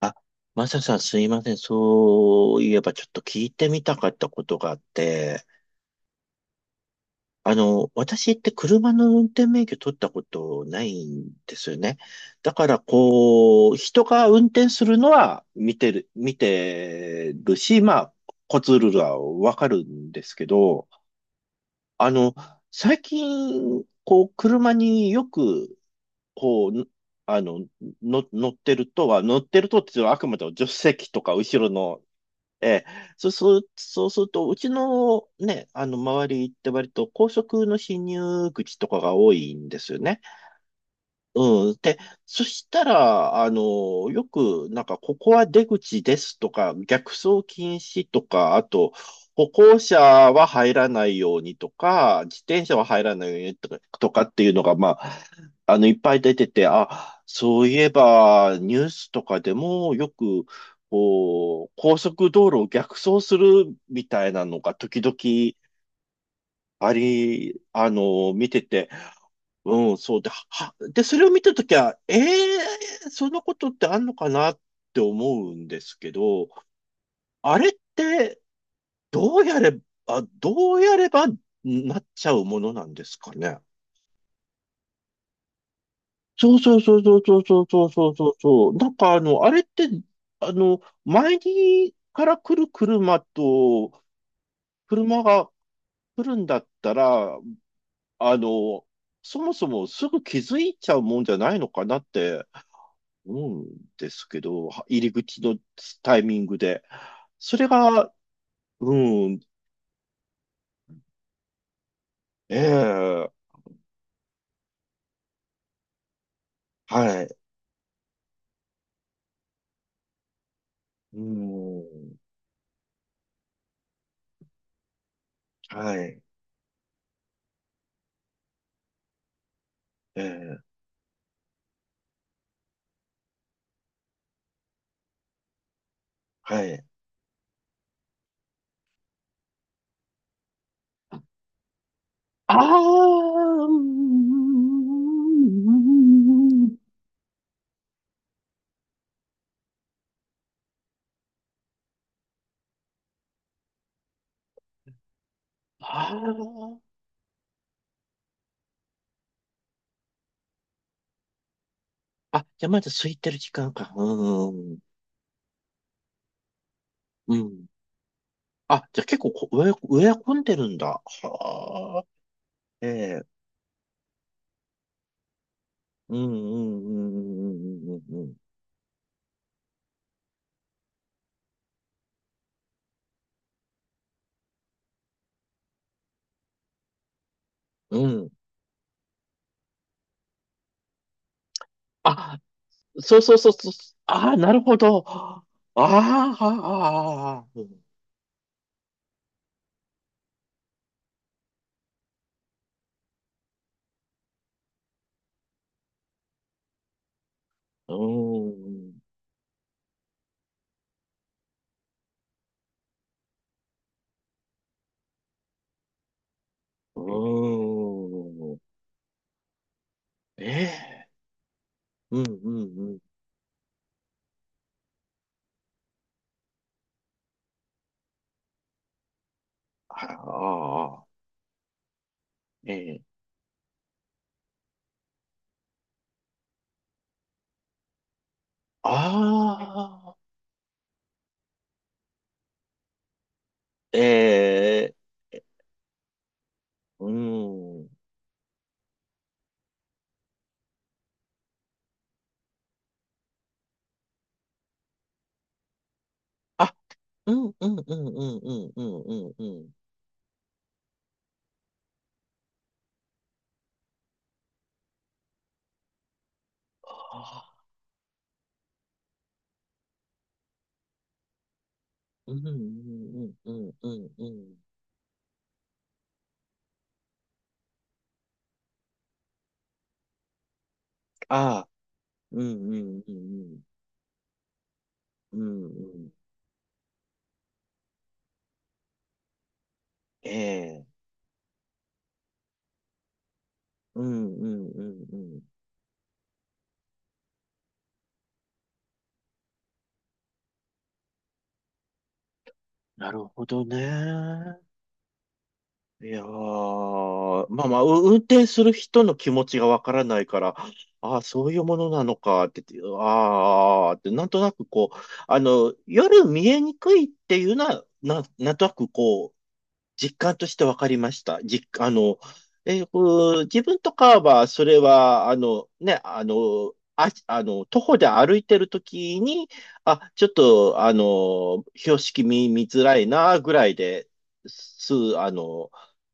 あ、マサさん、すいません。そういえばちょっと聞いてみたかったことがあって、私って車の運転免許取ったことないんですよね。だからこう、人が運転するのは見てるし、まあ、コツルールはわかるんですけど、あの、最近、こう、車によく、こう、あの、乗ってるとっていうのはあくまでも助手席とか後ろの。ええ、そうすると、うちのね、周りって割と高速の進入口とかが多いんですよね。うん。で、そしたら、よく、なんか、ここは出口ですとか、逆走禁止とか、あと、歩行者は入らないようにとか、自転車は入らないようにとか、とかっていうのが、まあ、いっぱい出てて、あ、そういえば、ニュースとかでも、よく、こう、高速道路を逆走するみたいなのが、時々、あり、あの、見てて、うん、そうで、は、で、それを見たときは、ええーそんなことってあんのかなって思うんですけど、あれって、どうやれどうやればなっちゃうものなんですかね。そうそうそうそうそうそうそうそうそうそう。あれって、前にから来る車と、車が来るんだったら、あの、そもそもすぐ気づいちゃうもんじゃないのかなって思うんですけど、は入り口のタイミングで。それが、うん、ええ、はい、うん、はい、ええ、はい。ああ、うん、ああ、あ、じゃあまだ空いてる時間か。うん、うん。あ、じゃあ結構こ植え、植え込んでるんだ。はあ、ええ、うん、うん、うん、うん、うん、うん。うん。あ、そうそうそうそう。ああ、なるほど。ああ、ああ、うん、うん、うん。ええ、うん、うん、うん。あらああ、ええ、ああ、ええ、うん。あ、うん、うん、うん、うん、うん、うん、うん、うん。ああ、うん、うん、うん、うん、うん。ああ、うん、うん、うん、うん、うん、うん。ええ、うん、うん、うん、うん。なるほどね。いやー、まあまあ、運転する人の気持ちがわからないから、ああ、そういうものなのかって、ああ、って、なんとなくこう、夜見えにくいっていうのは、なんとなくこう、実感として分かりました。実、あの、えーこう自分とかは、それは、徒歩で歩いてるときに、あ、ちょっと、標識見、見づらいな、ぐらいで、す、あの、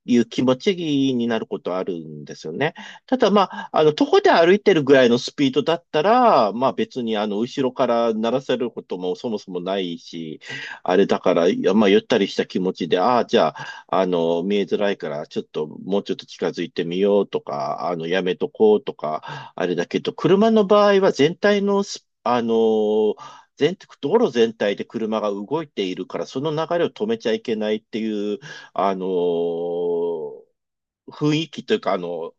いう気持ちになることあるんですよね。ただ、まあ、徒歩で歩いてるぐらいのスピードだったら、まあ別に、後ろから鳴らせることもそもそもないし、あれだから、いやまあ、ゆったりした気持ちで、ああ、じゃあ、見えづらいから、ちょっと、もうちょっと近づいてみようとか、やめとこうとか、あれだけど、車の場合は全体のス、あの、全、道路全体で車が動いているから、その流れを止めちゃいけないっていう、あの、雰囲気というか、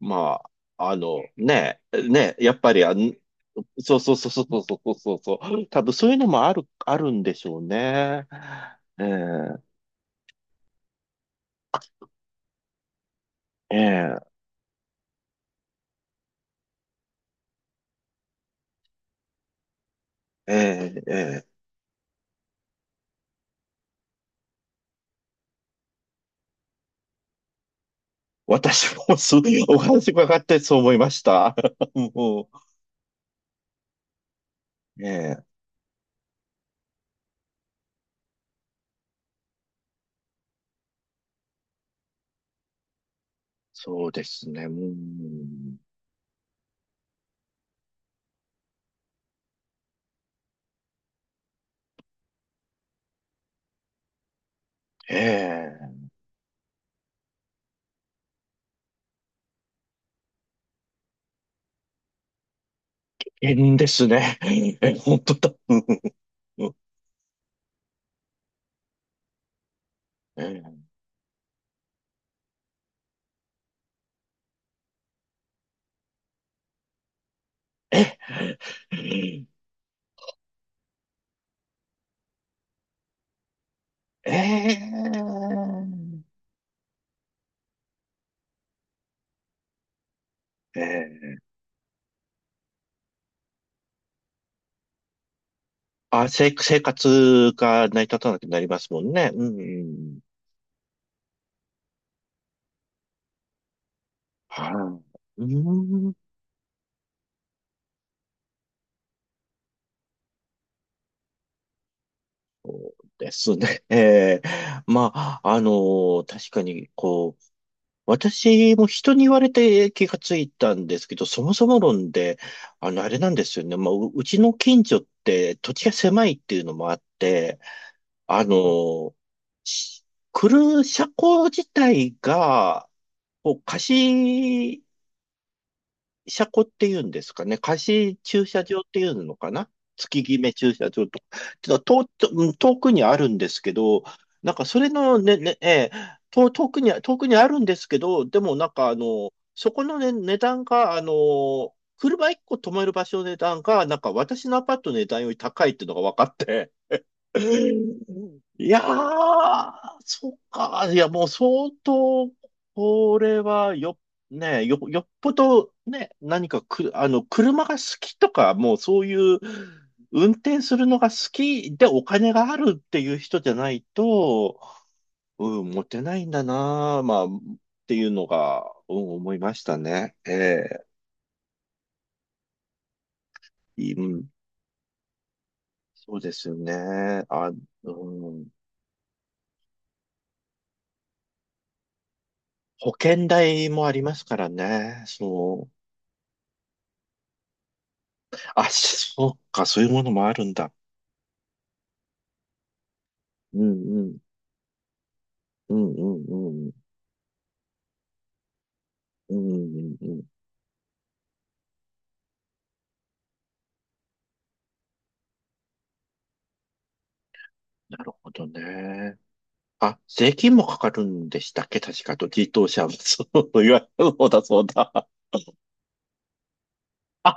まあ、やっぱり、そうそうそうそうそうそうそうそう、多分そういうのもある、あるんでしょうね。ええええええええ私もそう、お話伺ってそう思いました。もう、ええ、そうですね。うん、ええ、危険ですね。え、本当だ。うんええ、ええ、ええ、生活が成り立たなくなりますもんね。うん、はい。うんそうですね。ええまあ、確かに、こう、私も人に言われて気がついたんですけど、そもそも論で、あれなんですよね。まあ、うちの近所って土地が狭いっていうのもあって、あの、し来る車庫自体が、こう、貸し車庫っていうんですかね。貸し駐車場っていうのかな、月決め駐車場とか。ちょっと遠く、うん遠くにあるんですけど、なんかそれのね、ね、ねええ、遠くにあるんですけど、でもなんかあの、そこのね、値段が、あの、車1個止める場所の値段が、なんか私のアパートの値段より高いっていうのが分かって、いやー、そっか。いや、もう相当、これはよ、ね、よ、よっぽど、ね、何かく、あの、車が好きとか、もうそういう、運転するのが好きでお金があるっていう人じゃないと、うん、モテないんだな、まあ、っていうのが、うん、思いましたね。ええ、うん、そうですよね。あ、うん、保険代もありますからね。そう。あ、そうか、そういうものもあるんだ。うんうん、うんうんうんうん、うんうんうん。なるほどね。あ、税金もかかるんでしたっけ、確か、と自動車は、そういわゆる方だそうだ。あ、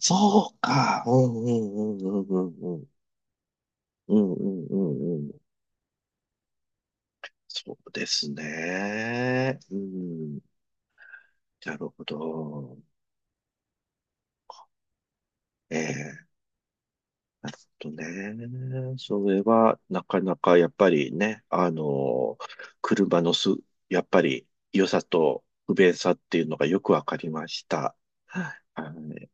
そうか。うんうんうんうんうんうん。うんうんうんうん。そうですね。うん。なるほど。ええなるほどね。それは、なかなかやっぱりね、あの、車のす、やっぱり良さと不便さっていうのがよくわかりました。はい。